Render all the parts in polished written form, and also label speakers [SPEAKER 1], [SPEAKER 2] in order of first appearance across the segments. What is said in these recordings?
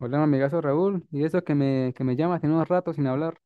[SPEAKER 1] Hola, mi amigazo Raúl. Y eso que me llamas, tiene unos ratos sin hablar.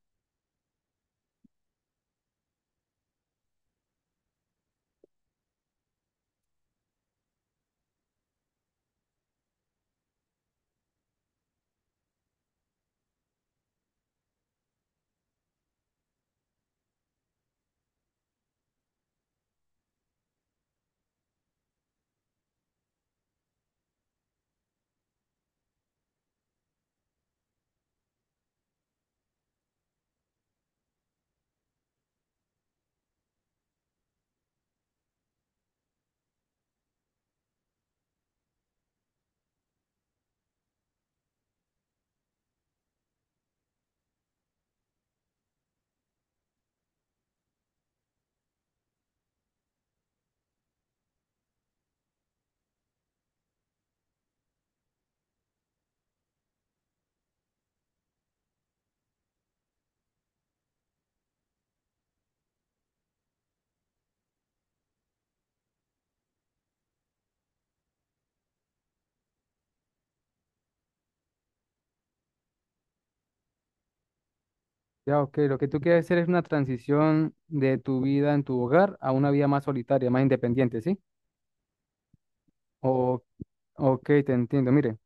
[SPEAKER 1] Ya, ok, lo que tú quieres hacer es una transición de tu vida en tu hogar a una vida más solitaria, más independiente, ¿sí? O, ok, te entiendo. Mire,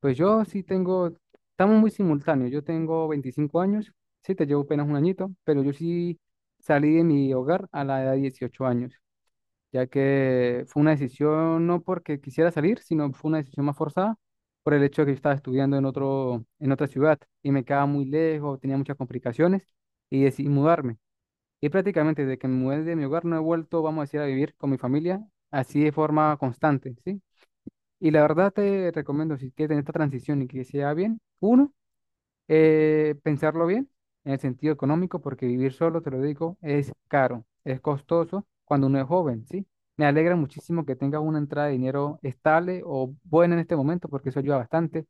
[SPEAKER 1] pues yo sí tengo, estamos muy simultáneos. Yo tengo 25 años, sí, te llevo apenas un añito, pero yo sí salí de mi hogar a la edad de 18 años. Ya que fue una decisión no porque quisiera salir, sino fue una decisión más forzada por el hecho de que yo estaba estudiando en otra ciudad y me quedaba muy lejos, tenía muchas complicaciones y decidí mudarme. Y prácticamente desde que me mudé de mi hogar no he vuelto, vamos a decir, a vivir con mi familia así de forma constante, ¿sí? Y la verdad te recomiendo, si quieres tener esta transición y que sea bien, uno pensarlo bien en el sentido económico, porque vivir solo, te lo digo, es caro, es costoso cuando uno es joven, ¿sí? Me alegra muchísimo que tengas una entrada de dinero estable o buena en este momento, porque eso ayuda bastante.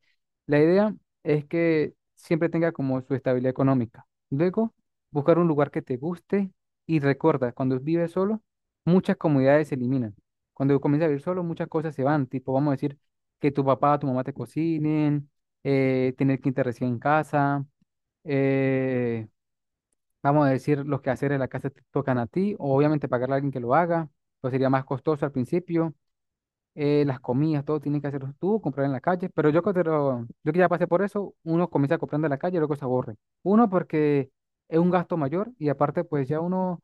[SPEAKER 1] La idea es que siempre tenga como su estabilidad económica. Luego, buscar un lugar que te guste y recuerda, cuando vives solo, muchas comodidades se eliminan. Cuando comienzas a vivir solo, muchas cosas se van, tipo, vamos a decir, que tu papá o tu mamá te cocinen tener quinta recién en casa, eh, vamos a decir, los quehaceres de la casa te tocan a ti, o obviamente pagarle a alguien que lo haga, pues sería más costoso al principio, las comidas, todo tienen que hacerlo tú, comprar en la calle, pero yo que ya pasé por eso, uno comienza comprando en la calle y luego se aburre. Uno porque es un gasto mayor y aparte pues ya uno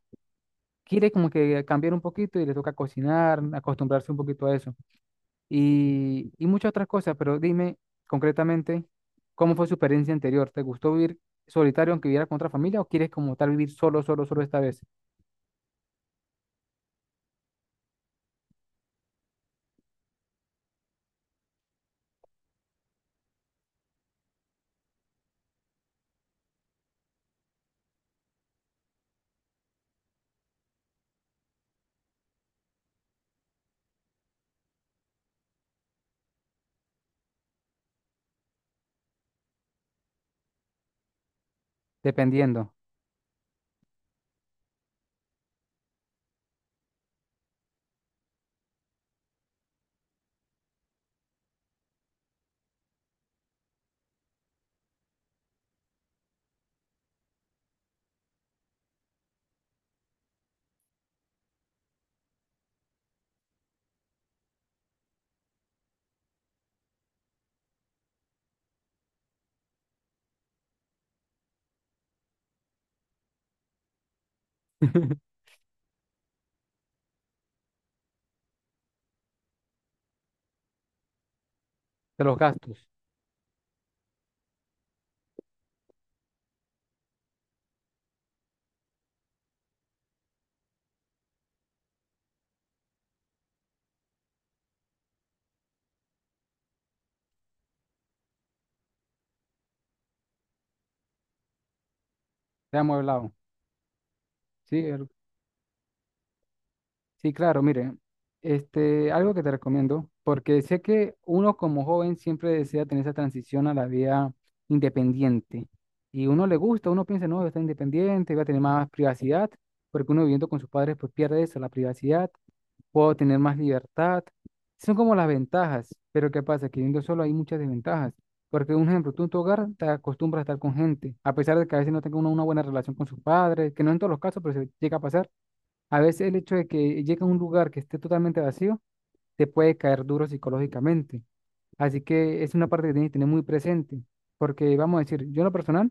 [SPEAKER 1] quiere como que cambiar un poquito y le toca cocinar, acostumbrarse un poquito a eso y muchas otras cosas, pero dime concretamente, ¿cómo fue su experiencia anterior? ¿Te gustó vivir solitario aunque viviera con otra familia o quieres como tal vivir solo, solo, solo esta vez? Dependiendo de los gastos. Ya hemos hablado. Sí, sí, claro, mire, este, algo que te recomiendo, porque sé que uno como joven siempre desea tener esa transición a la vida independiente. Y uno le gusta, uno piensa, no, está independiente, va a tener más privacidad, porque uno viviendo con sus padres pues pierde eso, la privacidad puedo tener más libertad. Son como las ventajas, pero ¿qué pasa? Que viviendo solo hay muchas desventajas. Porque, un ejemplo, tú en tu hogar te acostumbras a estar con gente, a pesar de que a veces no tenga uno una buena relación con sus padres, que no en todos los casos, pero se llega a pasar. A veces el hecho de que llegue a un lugar que esté totalmente vacío te puede caer duro psicológicamente. Así que es una parte que tienes que tener muy presente. Porque vamos a decir, yo en lo personal,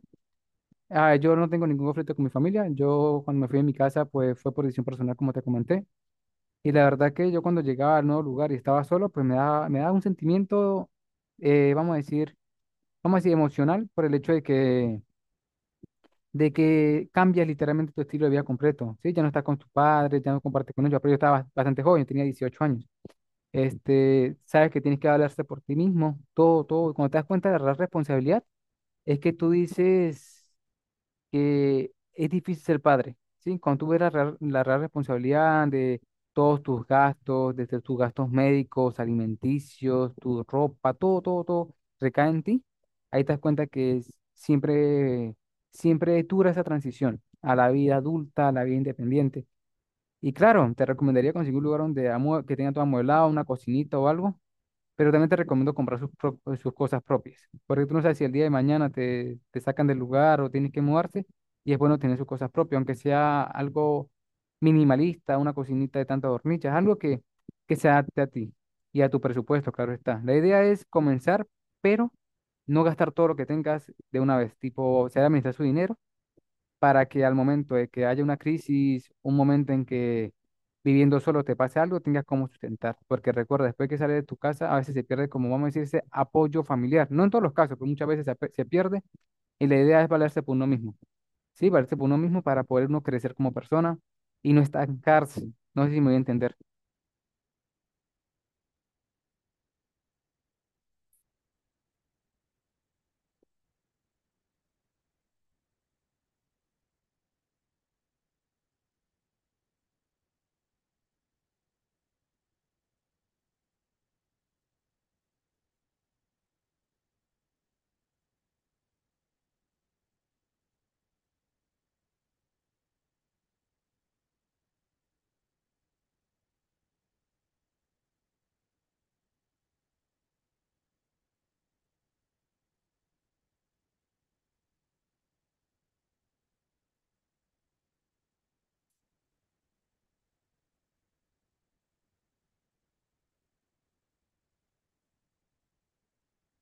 [SPEAKER 1] ah, yo no tengo ningún conflicto con mi familia. Yo cuando me fui de mi casa, pues fue por decisión personal, como te comenté. Y la verdad que yo cuando llegaba al nuevo lugar y estaba solo, pues me daba un sentimiento, eh, vamos a decir, vamos a decir, emocional por el hecho de que cambias literalmente tu estilo de vida completo, ¿sí? Ya no estás con tus padres, ya no compartes con ellos, pero yo estaba bastante joven, tenía 18 años. Este, sabes que tienes que hablarse por ti mismo, todo, todo. Y cuando te das cuenta de la responsabilidad, es que tú dices que es difícil ser padre, ¿sí? Cuando tú ves la real responsabilidad de todos tus gastos, desde tus gastos médicos, alimenticios, tu ropa, todo, todo, todo recae en ti, ahí te das cuenta siempre, siempre dura esa transición a la vida adulta, a la vida independiente. Y claro, te recomendaría conseguir un lugar donde que tenga todo amueblado, una cocinita o algo, pero también te recomiendo comprar pues, sus cosas propias, porque tú no sabes si el día de mañana te sacan del lugar o tienes que mudarse, y es bueno tener sus cosas propias, aunque sea algo minimalista, una cocinita de tantas hornillas, algo que se adapte a ti y a tu presupuesto, claro está. La idea es comenzar, pero no gastar todo lo que tengas de una vez, tipo, saber administrar su dinero para que al momento de que haya una crisis, un momento en que viviendo solo te pase algo, tengas cómo sustentar. Porque recuerda, después que sales de tu casa, a veces se pierde, como vamos a decir, ese apoyo familiar. No en todos los casos, pero muchas veces se pierde y la idea es valerse por uno mismo. Sí, valerse por uno mismo para poder uno crecer como persona y no estancarse. No sé si me voy a entender.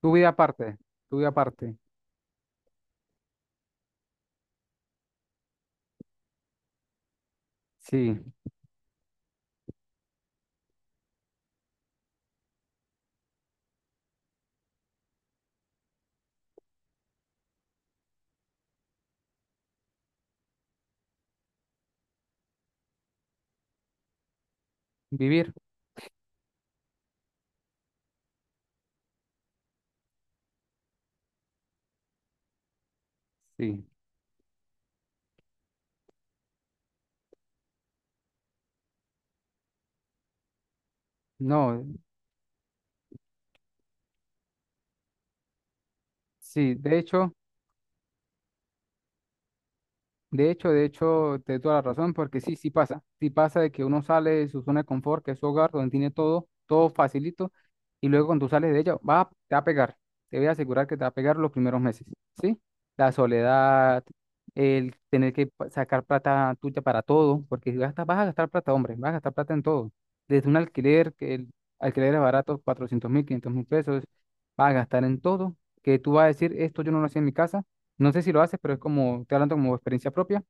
[SPEAKER 1] Tu vida aparte, tu vida aparte. Sí, vivir. Sí, no, sí, de hecho. De hecho, de hecho, te doy toda la razón, porque sí, sí pasa. Sí pasa de que uno sale de su zona de confort, que es su hogar, donde tiene todo, todo facilito, y luego cuando tú sales de ella, va, te va a pegar. Te voy a asegurar que te va a pegar los primeros meses, ¿sí? La soledad, el tener que sacar plata tuya para todo, porque si gastas, vas a gastar plata, hombre, vas a gastar plata en todo. Desde un alquiler, que el alquiler es barato, 400.000, 500.000 pesos, vas a gastar en todo, que tú vas a decir, esto yo no lo hacía en mi casa, no sé si lo haces, pero es como, estoy hablando como experiencia propia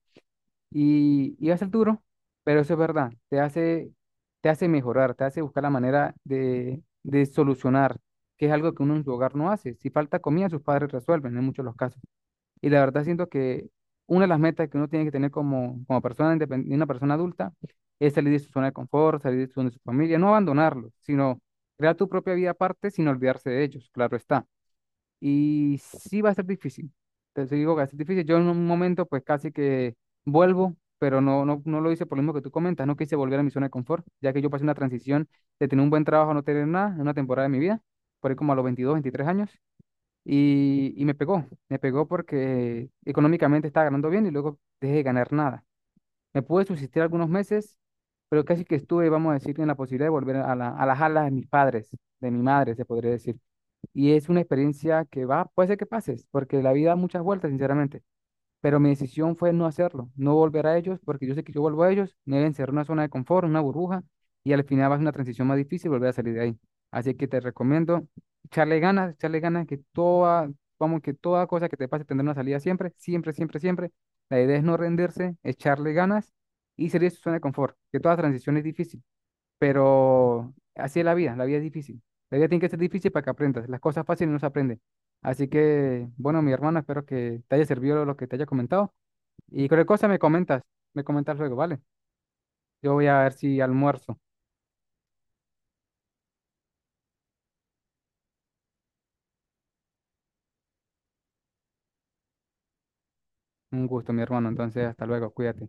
[SPEAKER 1] y va a ser duro, pero eso es verdad, te hace mejorar, te hace buscar la manera de solucionar, que es algo que uno en su hogar no hace. Si falta comida, sus padres resuelven en muchos de los casos. Y la verdad siento que una de las metas que uno tiene que tener como persona, una persona adulta, es salir de su zona de confort, salir de su familia, no abandonarlo, sino crear tu propia vida aparte sin olvidarse de ellos, claro está y sí va a ser difícil. Te digo que va a ser difícil. Yo en un momento pues casi que vuelvo, pero no, no, no lo hice por lo mismo que tú comentas. No quise volver a mi zona de confort, ya que yo pasé una transición de tener un buen trabajo a no tener nada en una temporada de mi vida, por ahí como a los 22 23 años. Y me pegó porque económicamente estaba ganando bien y luego dejé de ganar nada. Me pude subsistir algunos meses, pero casi que estuve, vamos a decir, en la posibilidad de volver a las alas de mis padres, de mi madre, se podría decir. Y es una experiencia que va, puede ser que pases, porque la vida da muchas vueltas, sinceramente. Pero mi decisión fue no hacerlo, no volver a ellos, porque yo sé que yo vuelvo a ellos, me deben ser una zona de confort, una burbuja, y al final va a ser una transición más difícil volver a salir de ahí. Así que te recomiendo echarle ganas, que toda, vamos, que toda cosa que te pase tendrá una salida siempre, siempre, siempre, siempre. La idea es no rendirse, echarle ganas y salir de su zona de confort, que toda transición es difícil, pero así es la vida es difícil. La vida tiene que ser difícil para que aprendas. Las cosas fáciles no se aprenden. Así que, bueno, mi hermano, espero que te haya servido lo que te haya comentado. Y cualquier cosa me comentas luego, ¿vale? Yo voy a ver si almuerzo. Un gusto, mi hermano. Entonces, hasta luego, cuídate.